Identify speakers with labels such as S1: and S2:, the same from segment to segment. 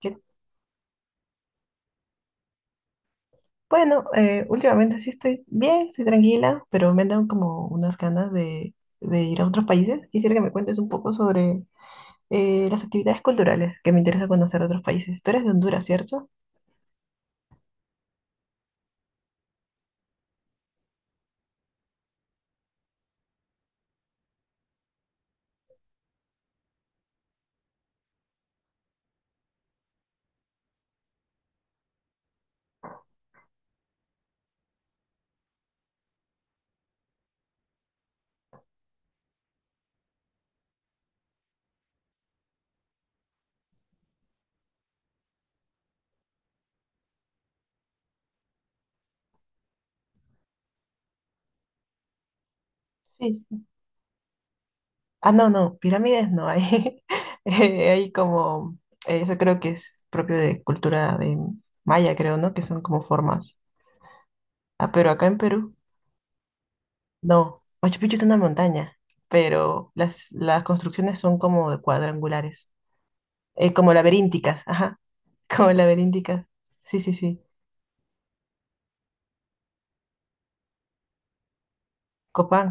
S1: Que, bueno, últimamente sí estoy bien, estoy tranquila, pero me dan como unas ganas de ir a otros países. Quisiera que me cuentes un poco sobre las actividades culturales, que me interesa conocer otros países. Tú eres de Honduras, ¿cierto? Sí, sí. Ah, no, no, pirámides no hay. Hay como, eso creo que es propio de cultura de maya, creo, ¿no? Que son como formas. Ah, pero acá en Perú, no. Machu Picchu es una montaña, pero las construcciones son como de cuadrangulares. Eh, como laberínticas, ajá, como laberínticas. Sí, sí, sí. Copán.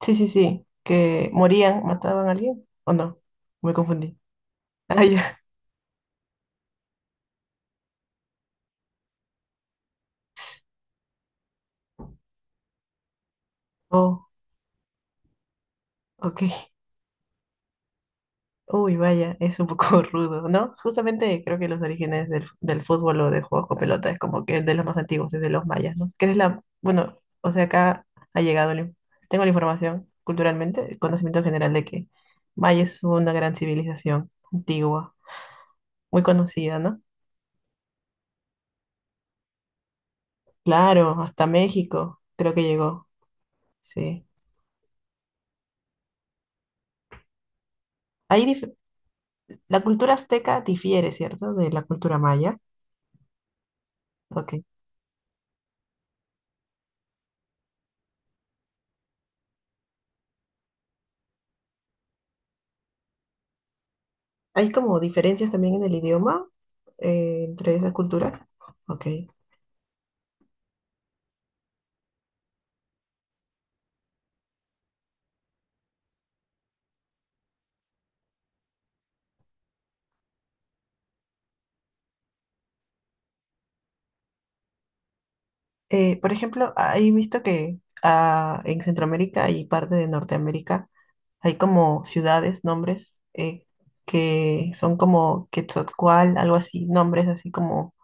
S1: Sí, sí, sí. Que morían, mataban a alguien. ¿O no? Me confundí. Ah, ya. Oh, ok. Uy, vaya, es un poco rudo, ¿no? Justamente creo que los orígenes del fútbol o de juegos con pelota es como que de los más antiguos, es de los mayas, ¿no? Que es la, bueno, o sea, acá ha llegado, la in- tengo la información culturalmente, el conocimiento general de que maya es una gran civilización antigua, muy conocida, ¿no? Claro, hasta México creo que llegó, sí. Ahí dif- la cultura azteca difiere, ¿cierto? De la cultura maya. Ok. ¿Hay como diferencias también en el idioma entre esas culturas? Ok. Por ejemplo, he visto que ah, en Centroamérica y parte de Norteamérica hay como ciudades, nombres que son como Quetzalcóatl, algo así, nombres así como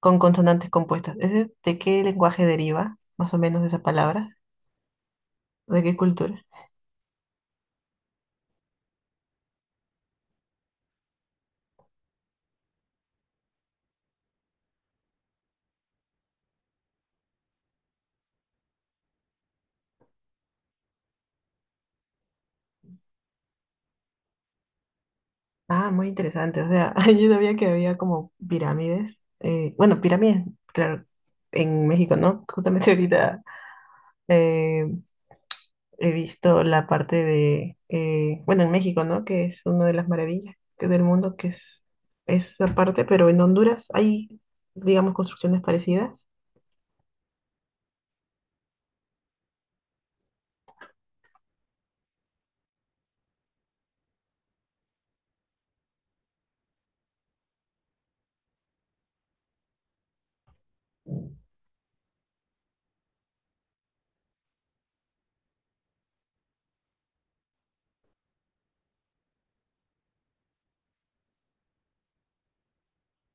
S1: con consonantes compuestas. ¿Ese de qué lenguaje deriva más o menos esas palabras? ¿De qué cultura? Ah, muy interesante. O sea, yo sabía que había como pirámides. Eh, bueno, pirámides, claro, en México, ¿no? Justamente ahorita eh, he visto la parte de, bueno, en México, ¿no? Que es una de las maravillas que del mundo, que es esa parte, pero en Honduras hay, digamos, construcciones parecidas.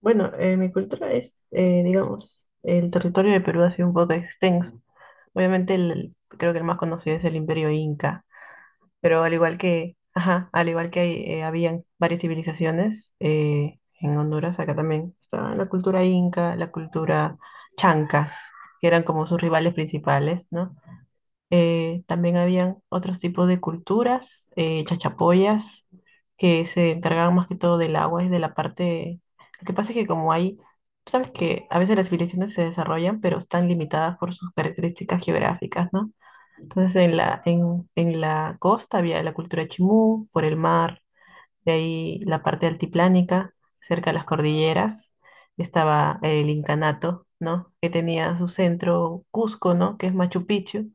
S1: Bueno, mi cultura es, digamos, el territorio de Perú ha sido un poco extenso. Obviamente, creo que el más conocido es el Imperio Inca. Pero al igual que, ajá, al igual que hay, habían varias civilizaciones en Honduras, acá también estaba la cultura inca, la cultura chancas, que eran como sus rivales principales, ¿no? También habían otros tipos de culturas, chachapoyas, que se encargaban más que todo del agua y de la parte... Lo que pasa es que como hay, tú sabes que a veces las civilizaciones se desarrollan, pero están limitadas por sus características geográficas, ¿no? Entonces en la costa había la cultura chimú, por el mar, de ahí la parte altiplánica, cerca de las cordilleras, estaba el incanato, ¿no? Que tenía su centro Cusco, ¿no? Que es Machu Picchu.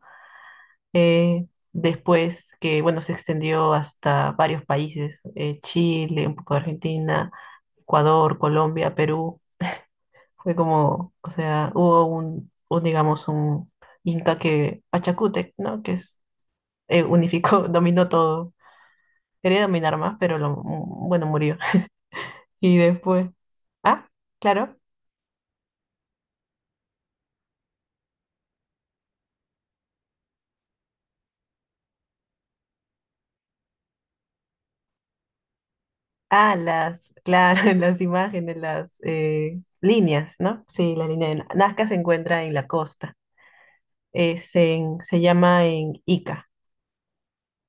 S1: Eh, Después que, bueno, se extendió hasta varios países, Chile, un poco de Argentina, Ecuador, Colombia, Perú. Fue como, o sea, hubo un digamos, un inca que, Pachacútec, ¿no? Que es unificó, dominó todo. Quería dominar más, pero lo, bueno, murió. Y después, ah, claro, ah, las, claro, las imágenes, las líneas, ¿no? Sí, la línea de Na- Nazca se encuentra en la costa, se llama en Ica.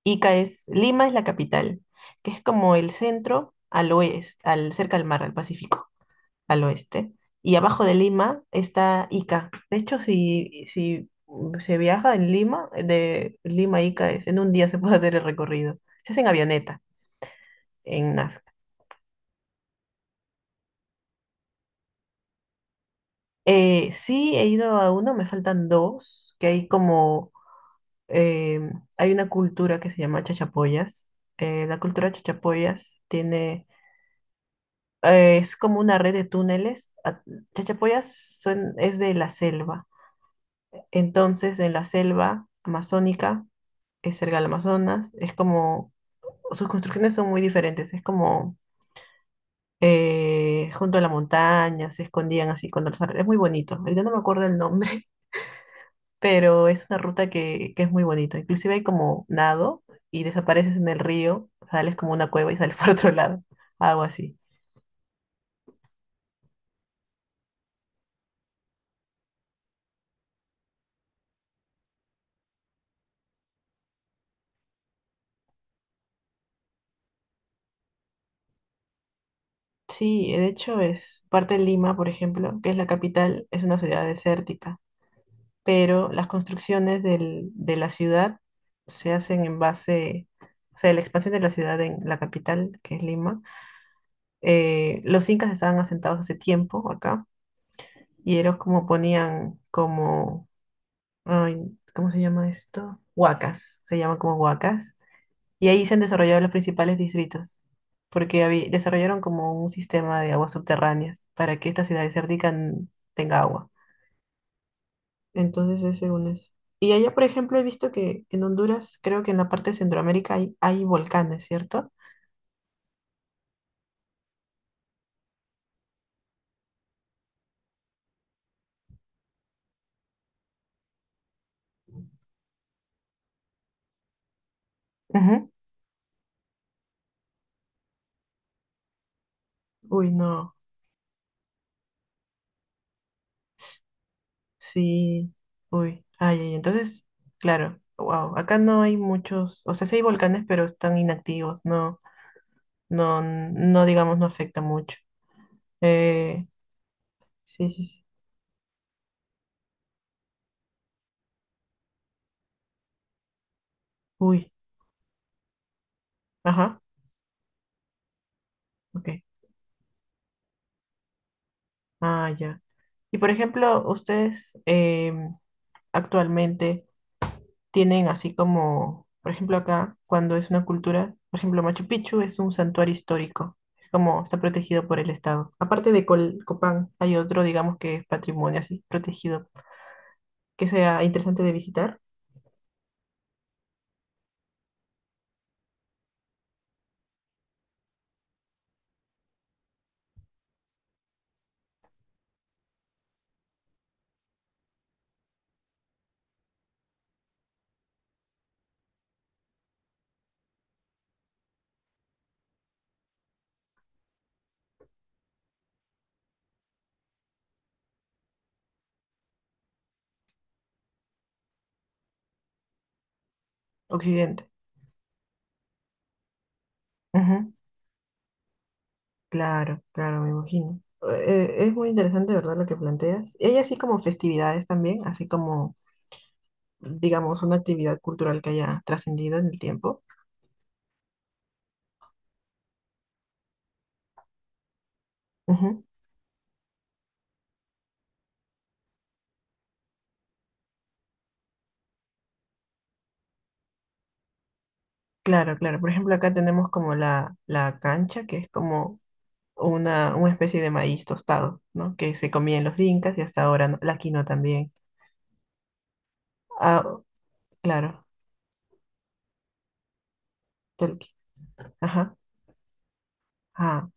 S1: Ica es, Lima es la capital, que es como el centro al oeste, al, cerca al mar, al Pacífico. Al oeste. Y abajo de Lima está Ica. De hecho, si se viaja en Lima, de Lima a Ica es, en un día se puede hacer el recorrido. Se hace en avioneta, en Nazca. Sí, he ido a uno, me faltan dos, que hay como, eh, hay una cultura que se llama chachapoyas. La cultura chachapoyas tiene, es como una red de túneles. Chachapoyas es de la selva. Entonces, en la selva amazónica cerca del Amazonas. Es como, sus construcciones son muy diferentes, es como junto a la montaña, se escondían así con los árboles. Es muy bonito. Ahorita no me acuerdo el nombre, pero es una ruta que es muy bonito. Inclusive hay como nado y desapareces en el río, sales como una cueva y sales por otro lado, algo así. Sí, de hecho es parte de Lima, por ejemplo, que es la capital, es una ciudad desértica. Pero las construcciones de la ciudad se hacen en base, o sea, la expansión de la ciudad en la capital, que es Lima. Los incas estaban asentados hace tiempo acá y ellos como ponían como, ay, ¿cómo se llama esto? Huacas, se llaman como huacas. Y ahí se han desarrollado los principales distritos, porque desarrollaron como un sistema de aguas subterráneas para que esta ciudad desértica tenga agua. Entonces ese uno es. Según eso. Y allá, por ejemplo, he visto que en Honduras, creo que en la parte de Centroamérica hay, hay volcanes, ¿cierto? Ujú. Uy, no, sí, uy, ay, ay, entonces, claro, wow, acá no hay muchos, o sea, sí hay volcanes, pero están inactivos, no, no, no, digamos, no afecta mucho. Eh, sí, sí, sí, uy, ajá, ok, ah, ya. Y por ejemplo, ustedes actualmente... tienen así como, por ejemplo, acá, cuando es una cultura, por ejemplo, Machu Picchu es un santuario histórico, es como está protegido por el Estado. Aparte de Copán, hay otro, digamos, que es patrimonio así, protegido, que sea interesante de visitar. Occidente. Ujú. Claro, claro, me imagino. Es muy interesante, ¿verdad? Lo que planteas. Y hay así como festividades también, así como, digamos, una actividad cultural que haya trascendido en el tiempo. Ujú. Claro, claro. Por ejemplo, acá tenemos como la cancha, que es como una especie de maíz tostado, ¿no? Que se comían los incas y hasta ahora, ¿no? La quinoa también. Ah, claro, tolqui. Ajá. Ah,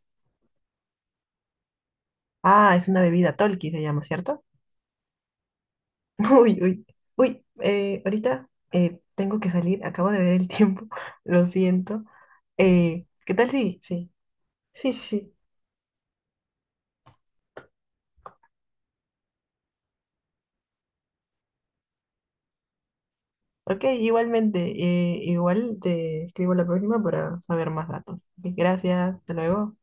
S1: ah, es una bebida tolqui, se llama, ¿cierto? Uy, uy, uy, ahorita tengo que salir, acabo de ver el tiempo, lo siento. ¿Qué tal? Sí, sí, sí, sí, sí. Ok, igualmente, igual te escribo la próxima para saber más datos. Ok, gracias, hasta luego.